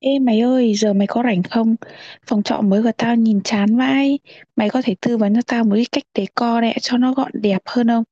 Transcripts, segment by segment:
Ê mày ơi, giờ mày có rảnh không? Phòng trọ mới của tao nhìn chán vãi. Mày có thể tư vấn cho tao một cái cách decor đấy cho nó gọn đẹp hơn không?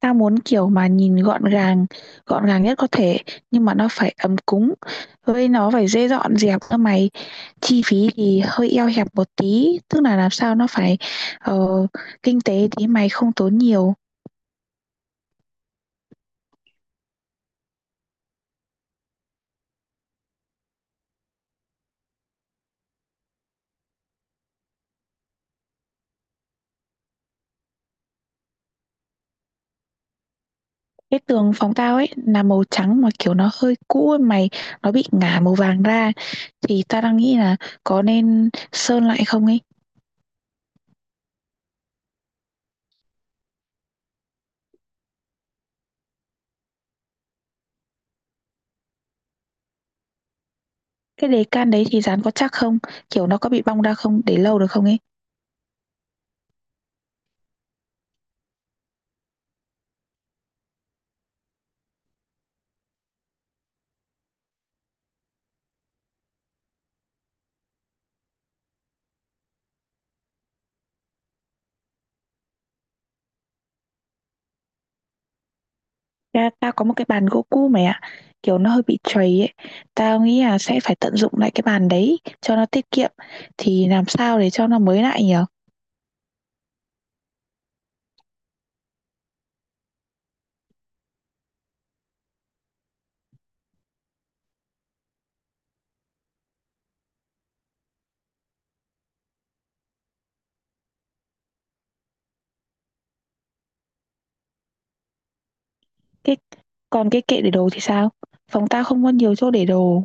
Tao muốn kiểu mà nhìn gọn gàng nhất có thể, nhưng mà nó phải ấm cúng. Với nó phải dễ dọn dẹp cơ mày. Chi phí thì hơi eo hẹp một tí, tức là làm sao nó phải ờ, kinh tế tí mày không tốn nhiều. Cái tường phòng tao ấy là màu trắng mà kiểu nó hơi cũ ấy mày, nó bị ngả màu vàng ra, thì tao đang nghĩ là có nên sơn lại không ấy. Cái đề can đấy thì dán có chắc không, kiểu nó có bị bong ra không, để lâu được không ấy? Ra tao có một cái bàn gỗ cũ mày ạ, kiểu nó hơi bị trầy ấy. Tao nghĩ là sẽ phải tận dụng lại cái bàn đấy cho nó tiết kiệm, thì làm sao để cho nó mới lại nhở? cái Còn cái kệ để đồ thì sao? Phòng tao không có nhiều chỗ để đồ.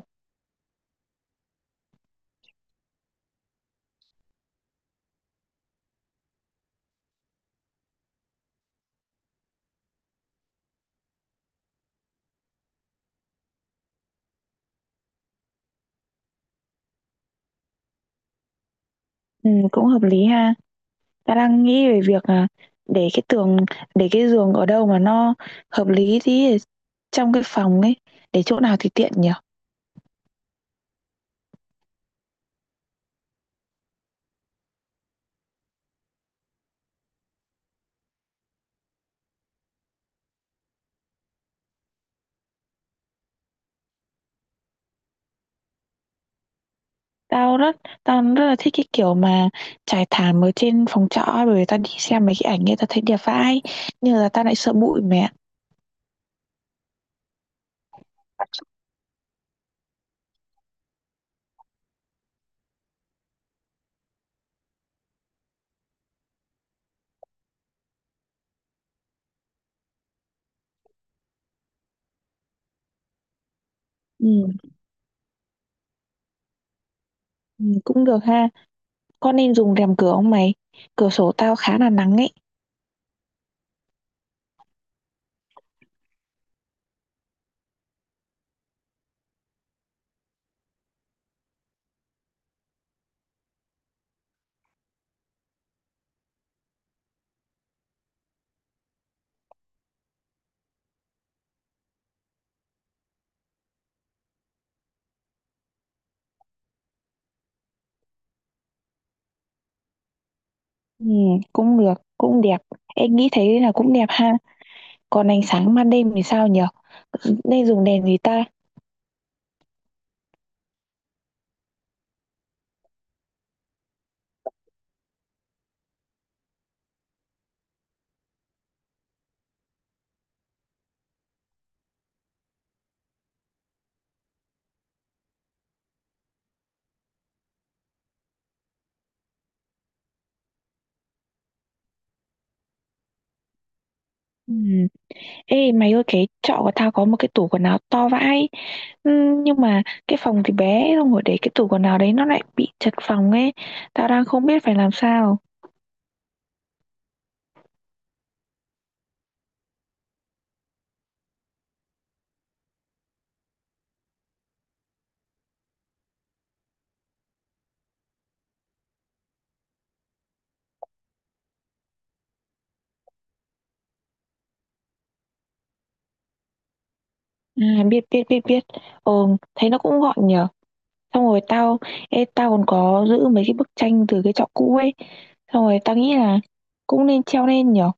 Ừ, cũng hợp lý ha. Ta đang nghĩ về việc là để cái tường, để cái giường ở đâu mà nó hợp lý tí để trong cái phòng ấy, để chỗ nào thì tiện nhỉ? Tao rất tao rất là thích cái kiểu mà trải thảm ở trên phòng trọ ấy, bởi vì tao đi xem mấy cái ảnh ấy tao thấy đẹp vãi, nhưng là tao lại sợ bụi mẹ. Ừ, ừ, cũng được ha. Con nên dùng rèm cửa không mày? Cửa sổ tao khá là nắng ấy. Ừ, cũng được, cũng đẹp. Em nghĩ thấy là cũng đẹp ha. Còn ánh sáng ban đêm thì sao nhỉ? Nên dùng đèn gì ta? Ừ. Ê mày ơi, cái trọ của tao có một cái tủ quần áo to vãi. Nhưng mà cái phòng thì bé. Xong rồi để cái tủ quần áo đấy nó lại bị chật phòng ấy. Tao đang không biết phải làm sao. À, biết biết biết biết. Ờ thấy nó cũng gọn nhở. Xong rồi tao. Ê, tao còn có giữ mấy cái bức tranh từ cái trọ cũ ấy. Xong rồi tao nghĩ là cũng nên treo lên nhở.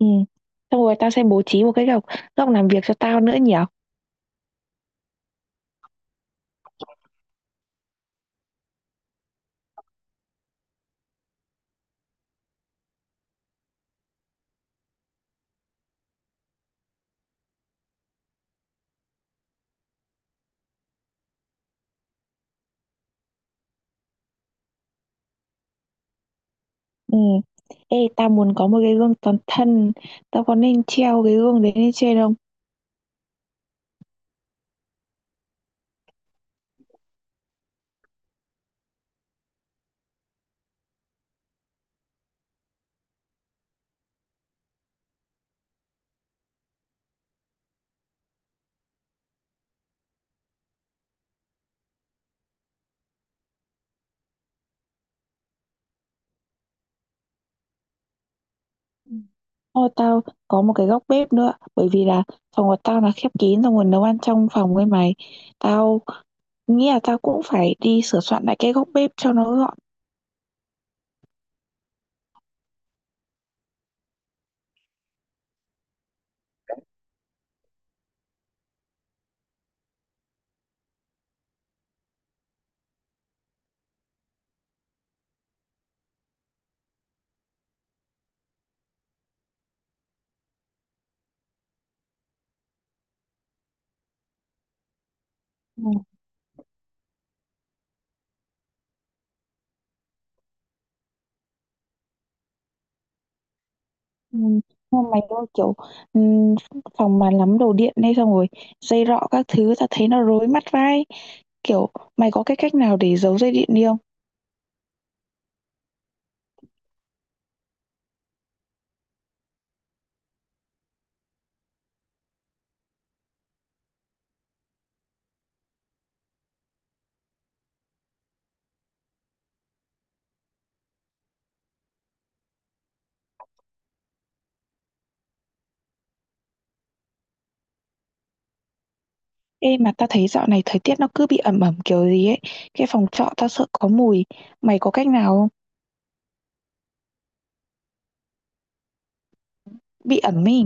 Ừ. Xong rồi tao sẽ bố trí một cái góc, góc làm việc cho tao nữa nhở. Ừ. Ê tao muốn có một cái gương toàn thân. Tao có nên treo cái gương đấy lên trên không? Ừ. Thôi tao có một cái góc bếp nữa, bởi vì là phòng của tao là khép kín, xong rồi nguồn nấu ăn trong phòng với mày. Tao nghĩ là tao cũng phải đi sửa soạn lại cái góc bếp cho nó gọn. Ừ. Ừ. Nhưng mà mày ơi kiểu ừ, phòng mà lắm đồ điện đây, xong rồi dây rọ các thứ tao thấy nó rối mắt vai, kiểu mày có cái cách nào để giấu dây điện đi không? Ê mà tao thấy dạo này thời tiết nó cứ bị ẩm ẩm kiểu gì ấy, cái phòng trọ tao sợ có mùi, mày có cách nào không? Bị ẩm ý.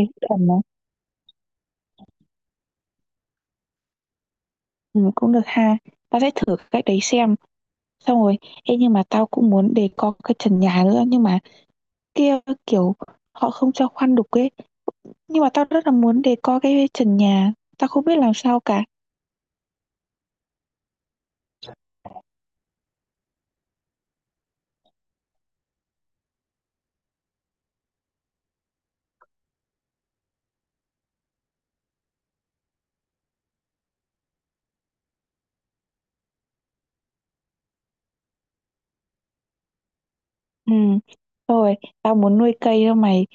Ê, ẩm mà. Ừ, cũng được ha. Tao sẽ thử cách đấy xem. Xong rồi, ê nhưng mà tao cũng muốn đề co cái trần nhà nữa. Nhưng mà kia kiểu họ không cho khoan đục ấy. Nhưng mà tao rất là muốn đề co cái trần nhà. Tao không biết làm sao cả. Ừ. Rồi, tao muốn nuôi cây đâu mày.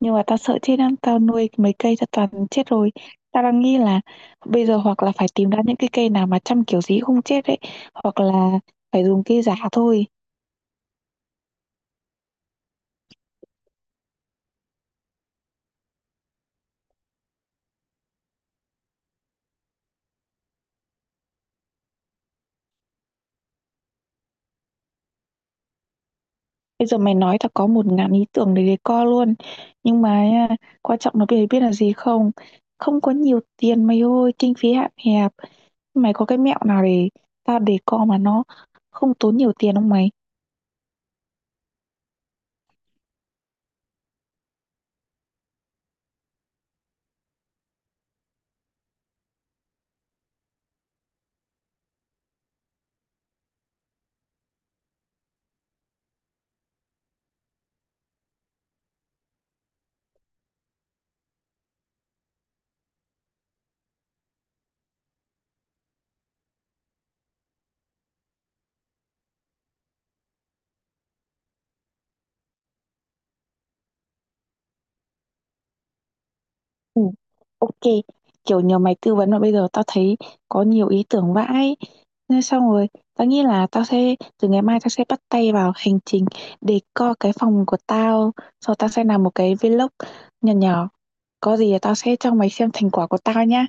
Nhưng mà tao sợ chết lắm. Tao nuôi mấy cây tao toàn chết rồi. Tao đang nghĩ là bây giờ hoặc là phải tìm ra những cái cây nào mà chăm kiểu gì cũng không chết ấy. Hoặc là phải dùng cây giả thôi. Bây giờ mày nói tao có một ngàn ý tưởng để decor luôn. Nhưng mà nha, quan trọng là mày biết là gì không? Không có nhiều tiền mày ơi, kinh phí hạn hẹp. Mày có cái mẹo nào để tao decor mà nó không tốn nhiều tiền không mày? Ừ, ok, kiểu nhờ mày tư vấn mà bây giờ tao thấy có nhiều ý tưởng vãi, nên xong rồi tao nghĩ là tao sẽ từ ngày mai tao sẽ bắt tay vào hành trình để co cái phòng của tao. Sau tao sẽ làm một cái vlog nhỏ nhỏ, có gì là tao sẽ cho mày xem thành quả của tao nhá.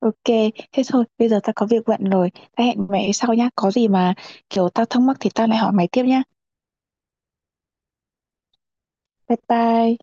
Ok, thế thôi, bây giờ tao có việc bận rồi. Tao hẹn mày sau nhá, có gì mà kiểu tao thắc mắc thì tao lại hỏi mày tiếp nhá. Bye bye.